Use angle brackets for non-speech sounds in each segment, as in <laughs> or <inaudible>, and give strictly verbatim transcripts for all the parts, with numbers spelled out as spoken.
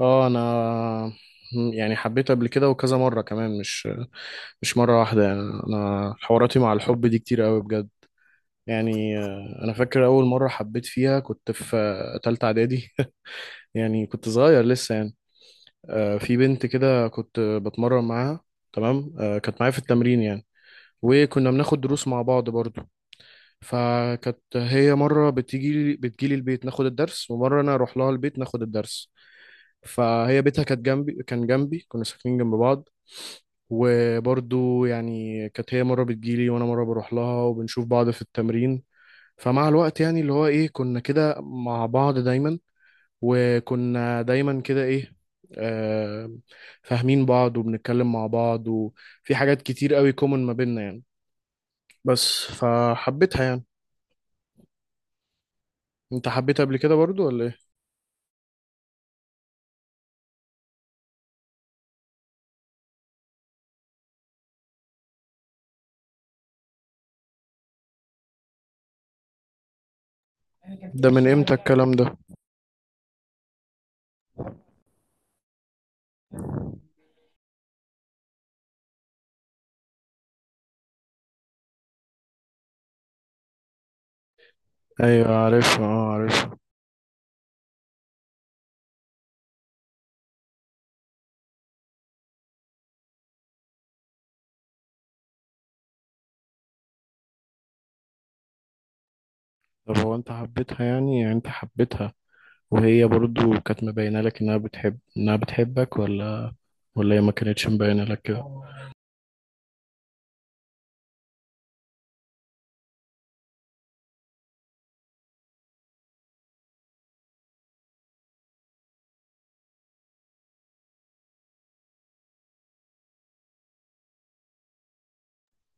اه، انا يعني حبيت قبل كده وكذا مرة كمان، مش مش مرة واحدة. يعني انا حواراتي مع الحب دي كتير قوي بجد. يعني آه، انا فاكر اول مرة حبيت فيها كنت في آه، تالتة اعدادي <laughs> يعني كنت صغير لسه يعني. آه، في بنت كده كنت بتمرن معاها، تمام، آه، كانت معايا في التمرين يعني. وكنا بناخد دروس مع بعض برضو. فكانت هي مرة بتيجي بتجيلي البيت ناخد الدرس، ومرة انا اروح لها البيت ناخد الدرس. فهي بيتها كانت جنبي كان جنبي، كنا ساكنين جنب بعض. وبرضو يعني كانت هي مرة بتجيلي وأنا مرة بروح لها وبنشوف بعض في التمرين. فمع الوقت، يعني اللي هو إيه، كنا كده مع بعض دايما. وكنا دايما كده إيه، آه فاهمين بعض وبنتكلم مع بعض وفي حاجات كتير قوي كومن ما بيننا يعني. بس فحبيتها يعني. انت حبيتها قبل كده برضو، ولا ايه؟ ده من امتى الكلام ده؟ ايوه، عارفها، اه عارفها. طب هو انت حبيتها، يعني يعني انت حبيتها؟ وهي برضو كانت مبينة لك إنها بتحب إنها بتحبك، ولا ولا هي ما كانتش مبينة لك كده؟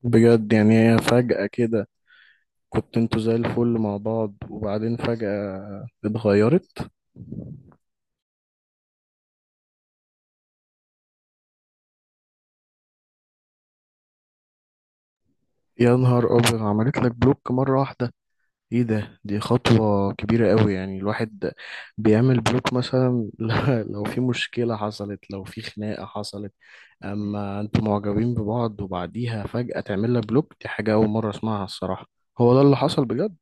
بجد، يعني هي فجأة كده؟ كنت انتوا زي الفل مع بعض، وبعدين فجأة اتغيرت؟ يا نهار أبيض، عملت لك بلوك مرة واحدة؟ ايه ده؟ دي خطوة كبيرة قوي، يعني الواحد بيعمل بلوك مثلا <laughs> لو في مشكلة حصلت، لو في خناقة حصلت. اما انتوا معجبين ببعض وبعديها فجأة تعمل لك بلوك، دي حاجة أول مرة أسمعها الصراحة. هو ده اللي حصل بجد؟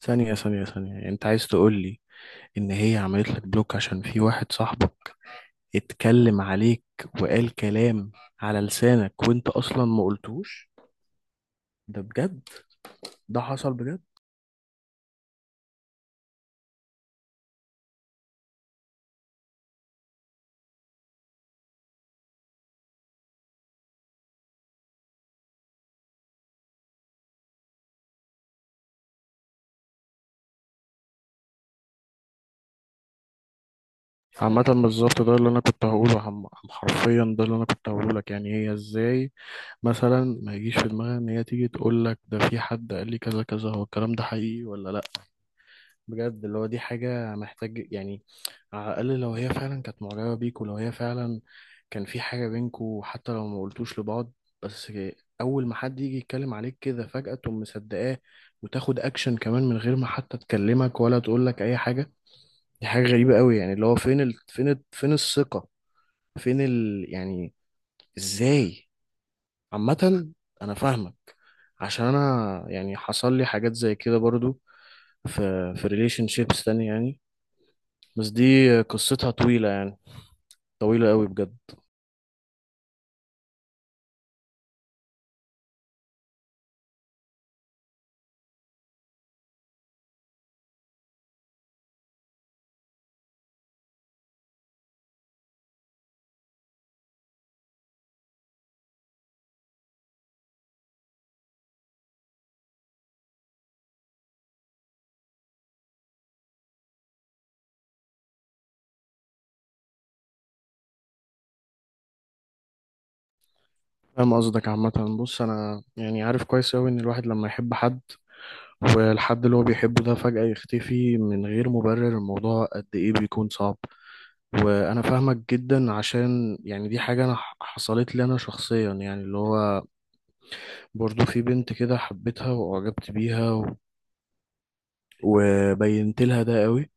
ثانية، ثانية، ثانية. يعني انت عايز تقول لي ان هي عملت لك بلوك عشان في واحد صاحبك اتكلم عليك وقال كلام على لسانك، وانت اصلا ما قلتوش؟ ده بجد؟ ده حصل بجد؟ عامة، بالظبط ده اللي انا كنت هقوله عم- عم حرفيا ده اللي انا كنت هقوله لك. يعني هي ازاي مثلا ما يجيش في دماغها ان هي تيجي تقول لك ده في حد قال لي كذا كذا، هو الكلام ده حقيقي ولا لا؟ بجد، اللي هو دي حاجة محتاج يعني، على الأقل لو هي فعلا كانت معجبة بيك، ولو هي فعلا كان في حاجة بينكوا حتى لو ما قلتوش لبعض. بس أول ما حد يجي يتكلم عليك كده فجأة تقوم مصدقاه، وتاخد أكشن كمان من غير ما حتى تكلمك ولا تقول لك أي حاجة. دي حاجة غريبة قوي، يعني اللي هو فين ال... فين ال... فين الثقة، فين ال... يعني، إزاي؟ عامة، أنا فاهمك. عشان أنا يعني حصل لي حاجات زي كده برضو، في في ريليشن شيبس تاني يعني. بس دي قصتها طويلة يعني، طويلة قوي بجد. فاهم قصدك؟ عامة بص، أنا يعني عارف كويس قوي إن الواحد لما يحب حد، والحد اللي هو بيحبه ده فجأة يختفي من غير مبرر، الموضوع قد إيه بيكون صعب. وأنا فاهمك جدا، عشان يعني دي حاجة أنا ح- حصلت لي أنا شخصيا، يعني اللي هو برضو في بنت كده حبيتها وأعجبت بيها و... وبينت لها ده قوي.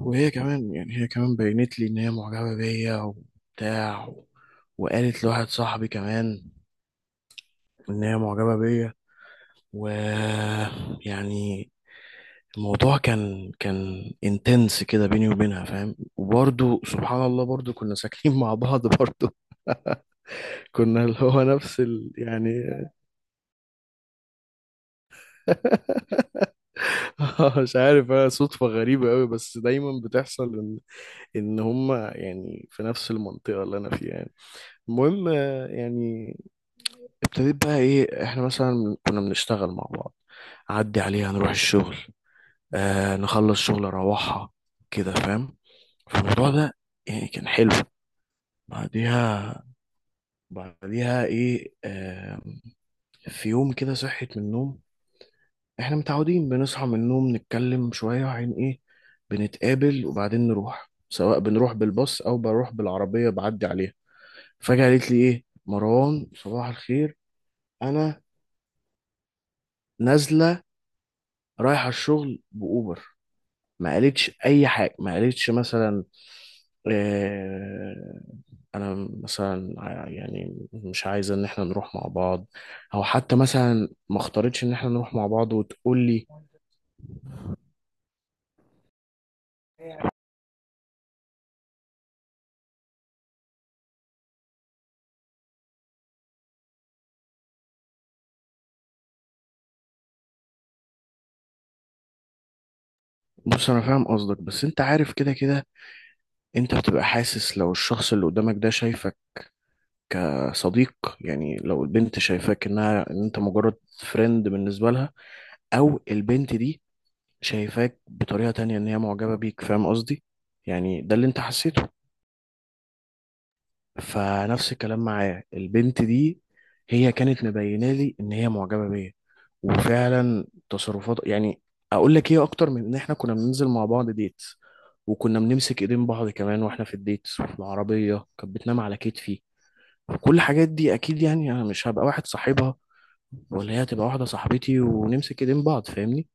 وهي كمان يعني هي كمان بينت لي إن هي معجبة بيا وبتاع، وقالت لواحد صاحبي كمان ان هي معجبه بيا، و يعني الموضوع كان كان انتنس كده بيني وبينها، فاهم؟ وبرضو سبحان الله، برضو كنا ساكنين <laughs> مع بعض برضو. <laughs> كنا اللي هو نفس ال... يعني. <laughs> مش عارف، هي صدفة غريبة قوي بس دايما بتحصل ان ان هما يعني في نفس المنطقة اللي انا فيها يعني. المهم، آه، يعني ابتديت بقى ايه، احنا مثلا كنا بنشتغل مع بعض، اعدي عليها نروح الشغل، آه نخلص شغل اروحها كده، فاهم؟ فالموضوع ده يعني كان حلو. بعديها، بعديها ايه، آه في يوم كده صحيت من النوم. احنا متعودين بنصحى من النوم نتكلم شوية عن ايه، بنتقابل وبعدين نروح، سواء بنروح بالباص او بروح بالعربية بعدي عليها. فجأة قالت لي ايه، مروان صباح الخير، انا نازلة رايحة الشغل بأوبر. ما قالتش اي حاجه، ما قالتش مثلا آه، انا مثلا ع- يعني مش عايزه ان احنا نروح مع بعض، او حتى مثلا ما اختارتش ان احنا نروح مع بعض وتقول لي. بص، انا فاهم قصدك، بس انت عارف كده كده، انت بتبقى حاسس لو الشخص اللي قدامك ده شايفك كصديق. يعني لو البنت شايفاك انها ان انت مجرد فريند بالنسبه لها، او البنت دي شايفاك بطريقه تانية ان هي معجبه بيك، فاهم قصدي؟ يعني ده اللي انت حسيته. فنفس الكلام معايا البنت دي، هي كانت مبينه لي ان هي معجبه بيا، وفعلا تصرفات، يعني اقول لك ايه، اكتر من ان احنا كنا بننزل مع بعض ديت، وكنا بنمسك ايدين بعض كمان واحنا في الديت، وفي العربيه كانت بتنام على كتفي. وكل الحاجات دي اكيد يعني انا مش هبقى واحد صاحبها ولا هي هتبقى واحده صاحبتي ونمسك ايدين بعض، فاهمني؟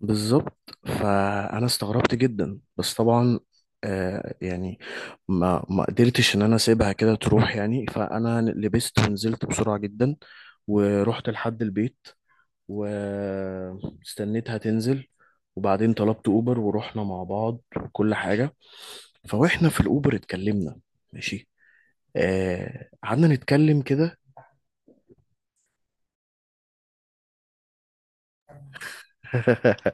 بالظبط، فانا استغربت جدا، بس طبعا آه يعني ما ما قدرتش ان انا اسيبها كده تروح يعني، فانا لبست ونزلت بسرعه جدا، ورحت لحد البيت واستنيتها تنزل، وبعدين طلبت اوبر ورحنا مع بعض وكل حاجه. فواحنا في الاوبر اتكلمنا، ماشي، آه قعدنا نتكلم كده. <laughs>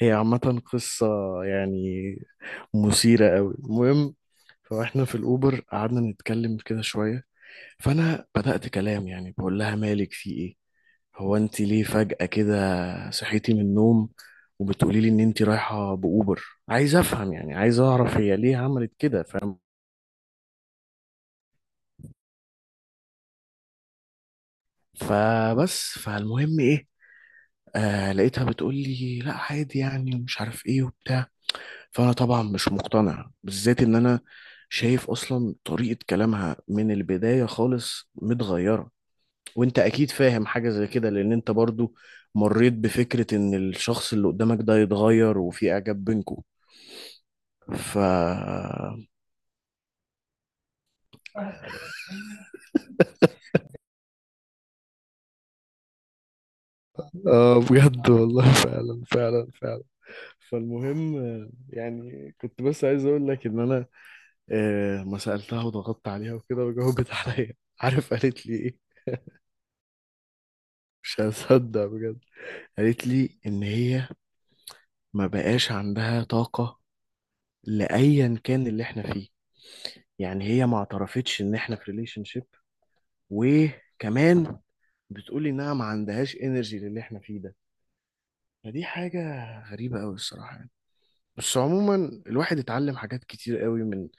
هي عامه قصه يعني مثيرة قوي، المهم فاحنا في الأوبر قعدنا نتكلم كده شوية، فأنا بدأت كلام يعني، بقول لها مالك في إيه؟ هو أنت ليه فجأة كده صحيتي من النوم وبتقولي لي إن أنت رايحة بأوبر؟ عايز أفهم، يعني عايز أعرف هي ليه عملت كده، فاهم؟ فبس فالمهم إيه، آه لقيتها بتقول لي لا عادي يعني ومش عارف إيه وبتاع. فأنا طبعا مش مقتنع، بالذات إن أنا شايف أصلا طريقة كلامها من البداية خالص متغيرة. وانت اكيد فاهم حاجة زي كده، لان انت برضو مريت بفكرة ان الشخص اللي قدامك ده يتغير وفي اعجاب بينكم. ف اه بجد والله <laughs> فعلا، فعلا، فعلا. فالمهم، آه، يعني كنت بس عايز اقول لك ان انا آه، ما سالتها وضغطت عليها وكده، وجاوبت <laughs> عليا. عارف قالت لي ايه؟ مش هصدق بجد. قالت لي ان هي ما بقاش عندها طاقه لايا كان اللي احنا فيه. يعني هي ما اعترفتش ان احنا في ريليشن، وكمان بتقولي انها ما عندهاش انرجي للي احنا فيه ده. فدي حاجة غريبة قوي الصراحة يعني. بس عموما الواحد اتعلم حاجات كتير قوي من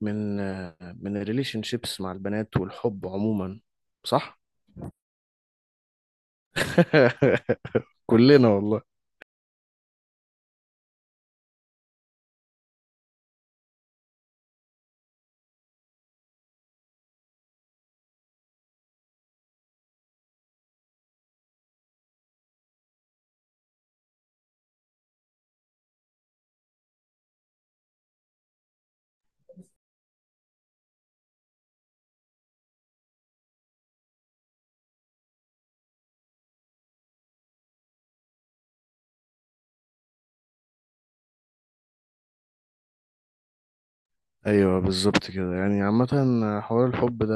من آه، من الريليشن شيبس مع البنات والحب عموما، صح؟ <laughs> كلنا والله. ايوه، بالظبط كده يعني، عامة حوار الحب ده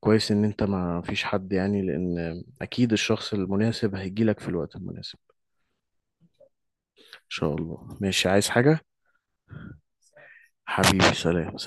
كويس ان انت ما فيش حد، يعني لان اكيد الشخص المناسب هيجيلك في الوقت المناسب. ان شاء الله. ماشي، عايز حاجة؟ حبيبي، سلام.